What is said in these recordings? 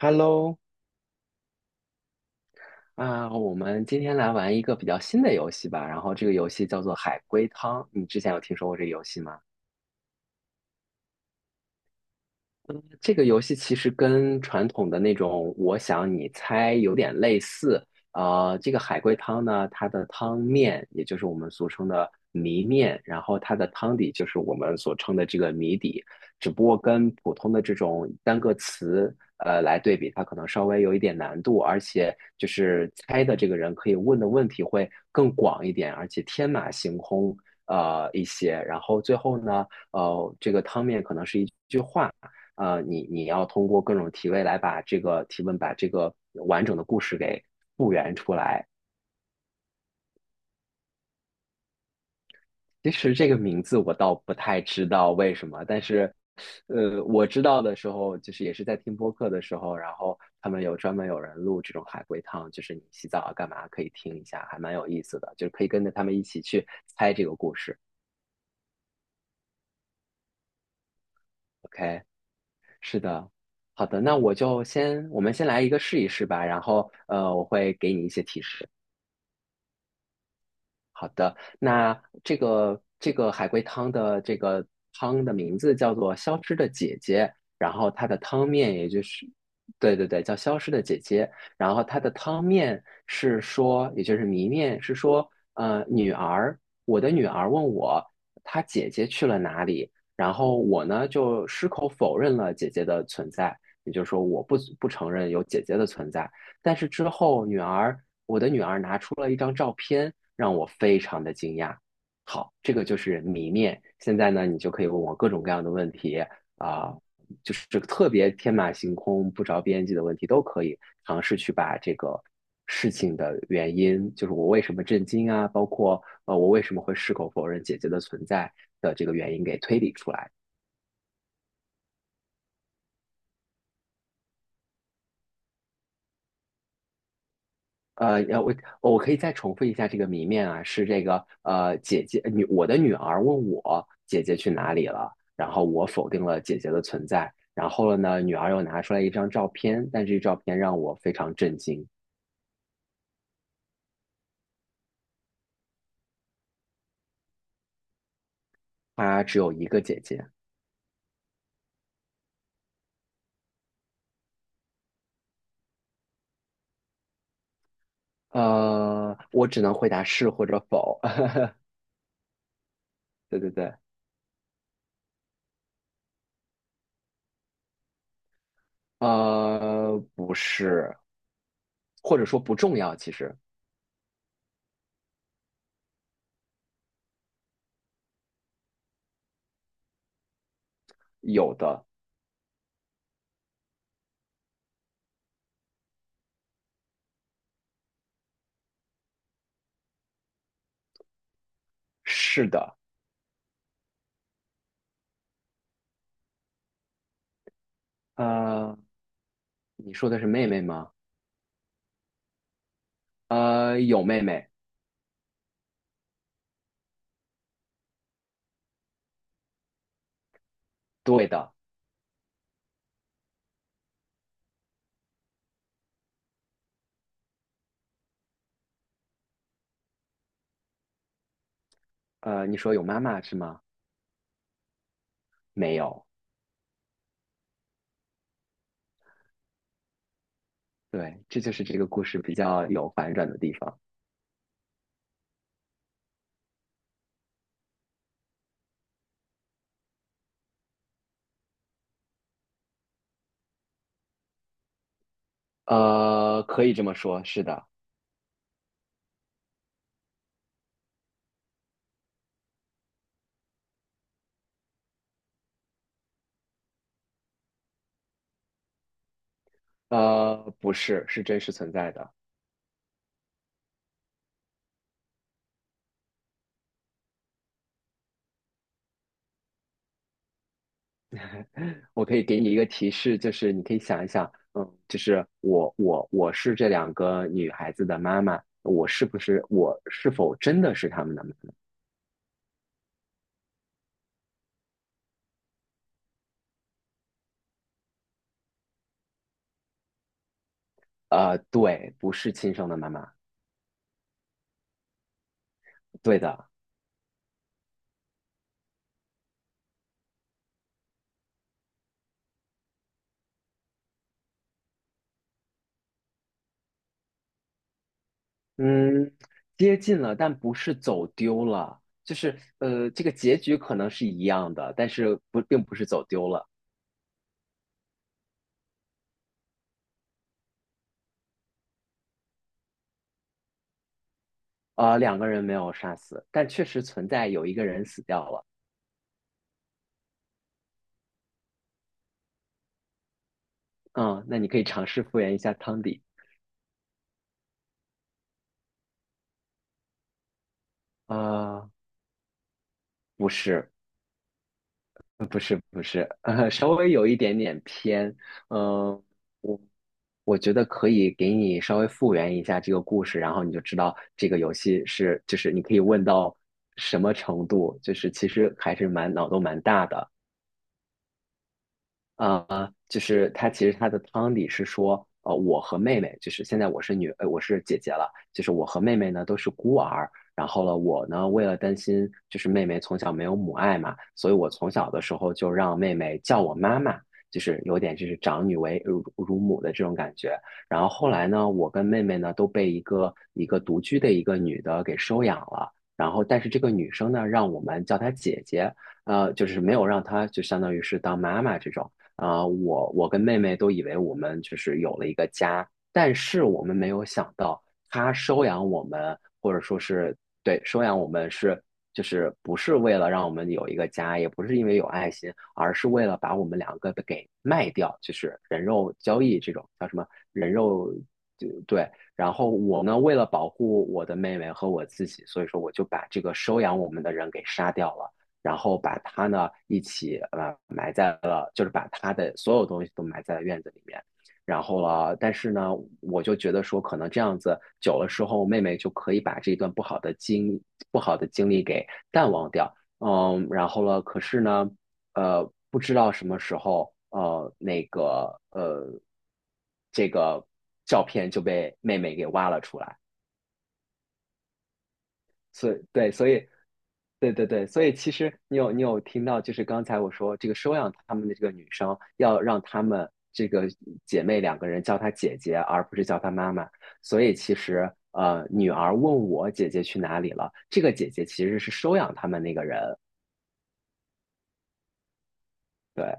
Hello，我们今天来玩一个比较新的游戏吧。然后这个游戏叫做海龟汤，你之前有听说过这个游戏吗？这个游戏其实跟传统的那种我想你猜有点类似。这个海龟汤呢，它的汤面也就是我们俗称的谜面，然后它的汤底就是我们所称的这个谜底，只不过跟普通的这种单个词来对比，它可能稍微有一点难度，而且就是猜的这个人可以问的问题会更广一点，而且天马行空一些。然后最后呢，这个汤面可能是一句话。你要通过各种提问来把这个提问把这个完整的故事给复原出来。其实这个名字我倒不太知道为什么，但是，我知道的时候就是也是在听播客的时候，然后他们有专门有人录这种海龟汤，就是你洗澡啊干嘛可以听一下，还蛮有意思的，就是可以跟着他们一起去猜这个故事。OK,是的。好的，那我就先，我们先来一个试一试吧，然后我会给你一些提示。好那这个海龟汤的这个汤的名字叫做《消失的姐姐》，然后它的汤面也就是，对对对，叫《消失的姐姐》，然后它的汤面是说，也就是谜面是说，呃，女儿，我的女儿问我，她姐姐去了哪里，然后我呢就矢口否认了姐姐的存在，也就是说我不承认有姐姐的存在，但是之后女儿。我的女儿拿出了一张照片，让我非常的惊讶。好，这个就是谜面。现在呢，你就可以问我各种各样的问题啊、呃就是特别天马行空、不着边际的问题都可以尝试去把这个事情的原因，就是我为什么震惊啊，包括我为什么会矢口否认姐姐的存在的这个原因给推理出来。呃，要我我可以再重复一下这个谜面啊，是这个呃，姐姐女我的女儿问我姐姐去哪里了，然后我否定了姐姐的存在，然后了呢，女儿又拿出来一张照片，但这照片让我非常震惊，她只有一个姐姐，我只能回答是或者否，对对对，不是，或者说不重要，其实有的是的，呃，你说的是妹妹吗？有妹妹，对的。你说有妈妈是吗？没有，对，这就是这个故事比较有反转的地方。可以这么说，是的，不是，是真实存在的。我可以给你一个提示，就是你可以想一想，嗯，就是我是这两个女孩子的妈妈，我是不是我是否真的是她们的妈妈？对，不是亲生的妈妈，对的。嗯，接近了，但不是走丢了，就是这个结局可能是一样的，但是不，并不是走丢了。啊，两个人没有杀死，但确实存在有一个人死掉了。嗯，那你可以尝试复原一下汤底。啊，不是，不是，稍微有一点点偏。嗯、我。我觉得可以给你稍微复原一下这个故事，然后你就知道这个游戏是，就是你可以问到什么程度，就是其实还是蛮脑洞蛮大的。啊，就是他其实他的汤底是说，我和妹妹，就是现在我是女，我是姐姐了，就是我和妹妹呢都是孤儿。然后呢，我呢为了担心，就是妹妹从小没有母爱嘛，所以我从小的时候就让妹妹叫我妈妈，就是有点就是长女为乳母的这种感觉。然后后来呢，我跟妹妹呢都被一个独居的一个女的给收养了。然后，但是这个女生呢，让我们叫她姐姐，就是没有让她就相当于是当妈妈这种。啊，我跟妹妹都以为我们就是有了一个家，但是我们没有想到，他收养我们，或者说是对收养我们是就是不是为了让我们有一个家，也不是因为有爱心，而是为了把我们两个的给卖掉，就是人肉交易这种叫什么人肉。就对，然后我呢，为了保护我的妹妹和我自己，所以说我就把这个收养我们的人给杀掉了。然后把它呢一起埋在了，就是把它的所有东西都埋在了院子里面。然后了，但是呢，我就觉得说，可能这样子久了之后，妹妹就可以把这一段不好的经历给淡忘掉。嗯，然后了，可是呢，不知道什么时候，这个照片就被妹妹给挖了出来。所以对，所以对对对，所以其实你有听到，就是刚才我说这个收养他们的这个女生，要让她们这个姐妹两个人叫她姐姐，而不是叫她妈妈。所以其实女儿问我姐姐去哪里了，这个姐姐其实是收养他们那个人。对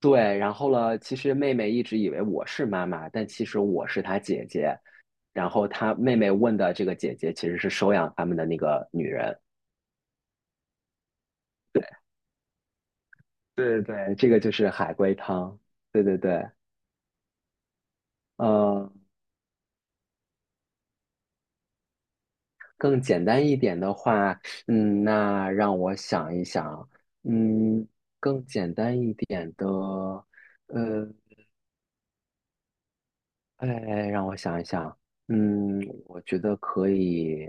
对，然后了，其实妹妹一直以为我是妈妈，但其实我是她姐姐。然后她妹妹问的这个姐姐其实是收养他们的那个女人。对对，对，这个就是海龟汤。对对对，呃，更简单一点的话，嗯，那让我想一想，嗯，更简单一点的，呃，哎，让我想一想，嗯，我觉得可以。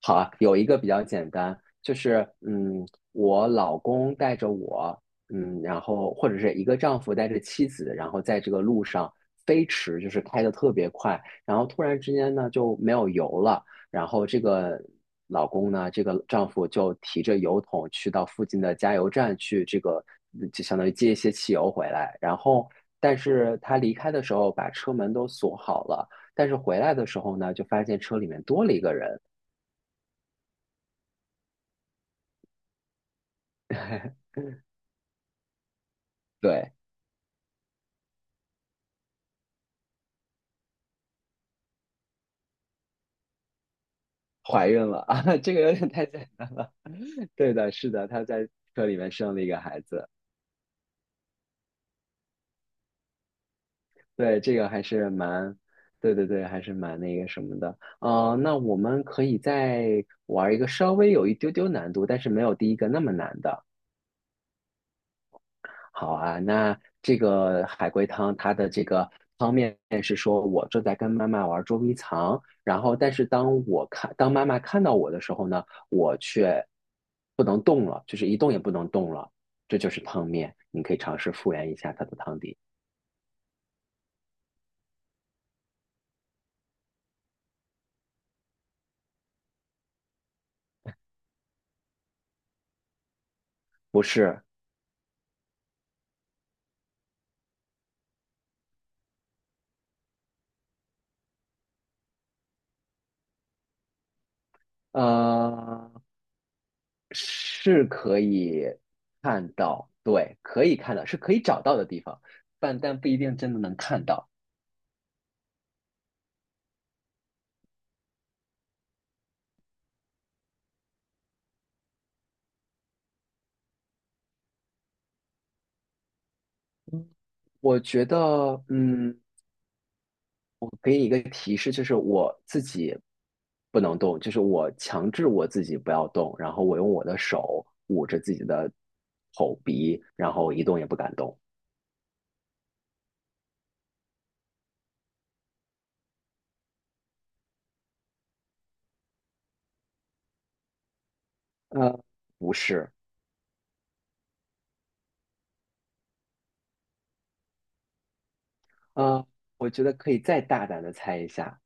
好啊，有一个比较简单，就是嗯，我老公带着我，嗯，然后或者是一个丈夫带着妻子，然后在这个路上飞驰，就是开得特别快，然后突然之间呢就没有油了，然后这个老公呢，这个丈夫就提着油桶去到附近的加油站去，这个嗯就相当于接一些汽油回来。然后，但是他离开的时候把车门都锁好了，但是回来的时候呢，就发现车里面多了一个人，对，怀孕了啊，这个有点太简单。对的，是的，她在车里面生了一个孩子。对，这个还是蛮，对对对，还是蛮那个什么的。那我们可以再玩一个稍微有一丢丢难度，但是没有第一个那么难的。好啊，那这个海龟汤它的这个汤面是说，我正在跟妈妈玩捉迷藏，然后但是当我看，当妈妈看到我的时候呢，我却不能动了，就是一动也不能动了，这就是汤面。你可以尝试复原一下它的汤底，不是，呃，是可以看到，对，可以看到，是可以找到的地方，但不一定真的能看到。我觉得，嗯。我给你一个提示，就是我自己不能动，就是我强制我自己不要动，然后我用我的手捂着自己的口鼻，然后一动也不敢动。呃，不是，呃，我觉得可以再大胆的猜一下。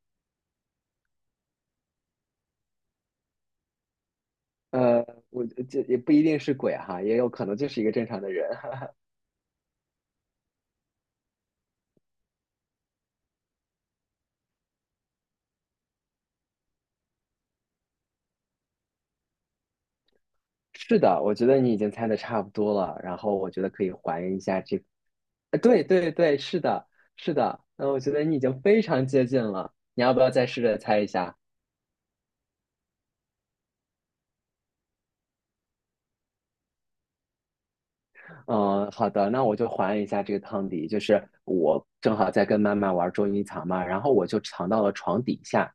呃，我这也不一定是鬼哈，也有可能就是一个正常的人。是的，我觉得你已经猜的差不多了，然后我觉得可以还原一下这个对对对，是的，是的，嗯，我觉得你已经非常接近了，你要不要再试着猜一下？嗯，好的，那我就还一下这个汤底，就是我正好在跟妈妈玩捉迷藏嘛，然后我就藏到了床底下，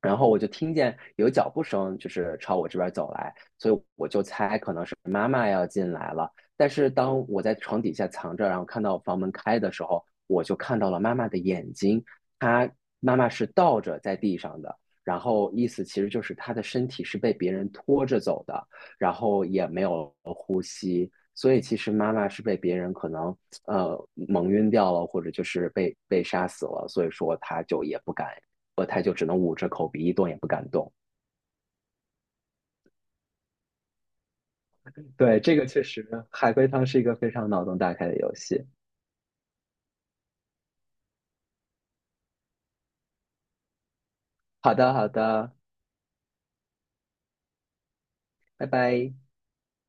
然后我就听见有脚步声，就是朝我这边走来，所以我就猜可能是妈妈要进来了。但是当我在床底下藏着，然后看到房门开的时候，我就看到了妈妈的眼睛，她妈妈是倒着在地上的，然后意思其实就是她的身体是被别人拖着走的，然后也没有呼吸。所以其实妈妈是被别人可能蒙晕掉了，或者就是被杀死了，所以说她就也不敢，她就只能捂着口鼻一动也不敢动。对，这个确实，海龟汤是一个非常脑洞大开的游戏。好的，好的，拜拜。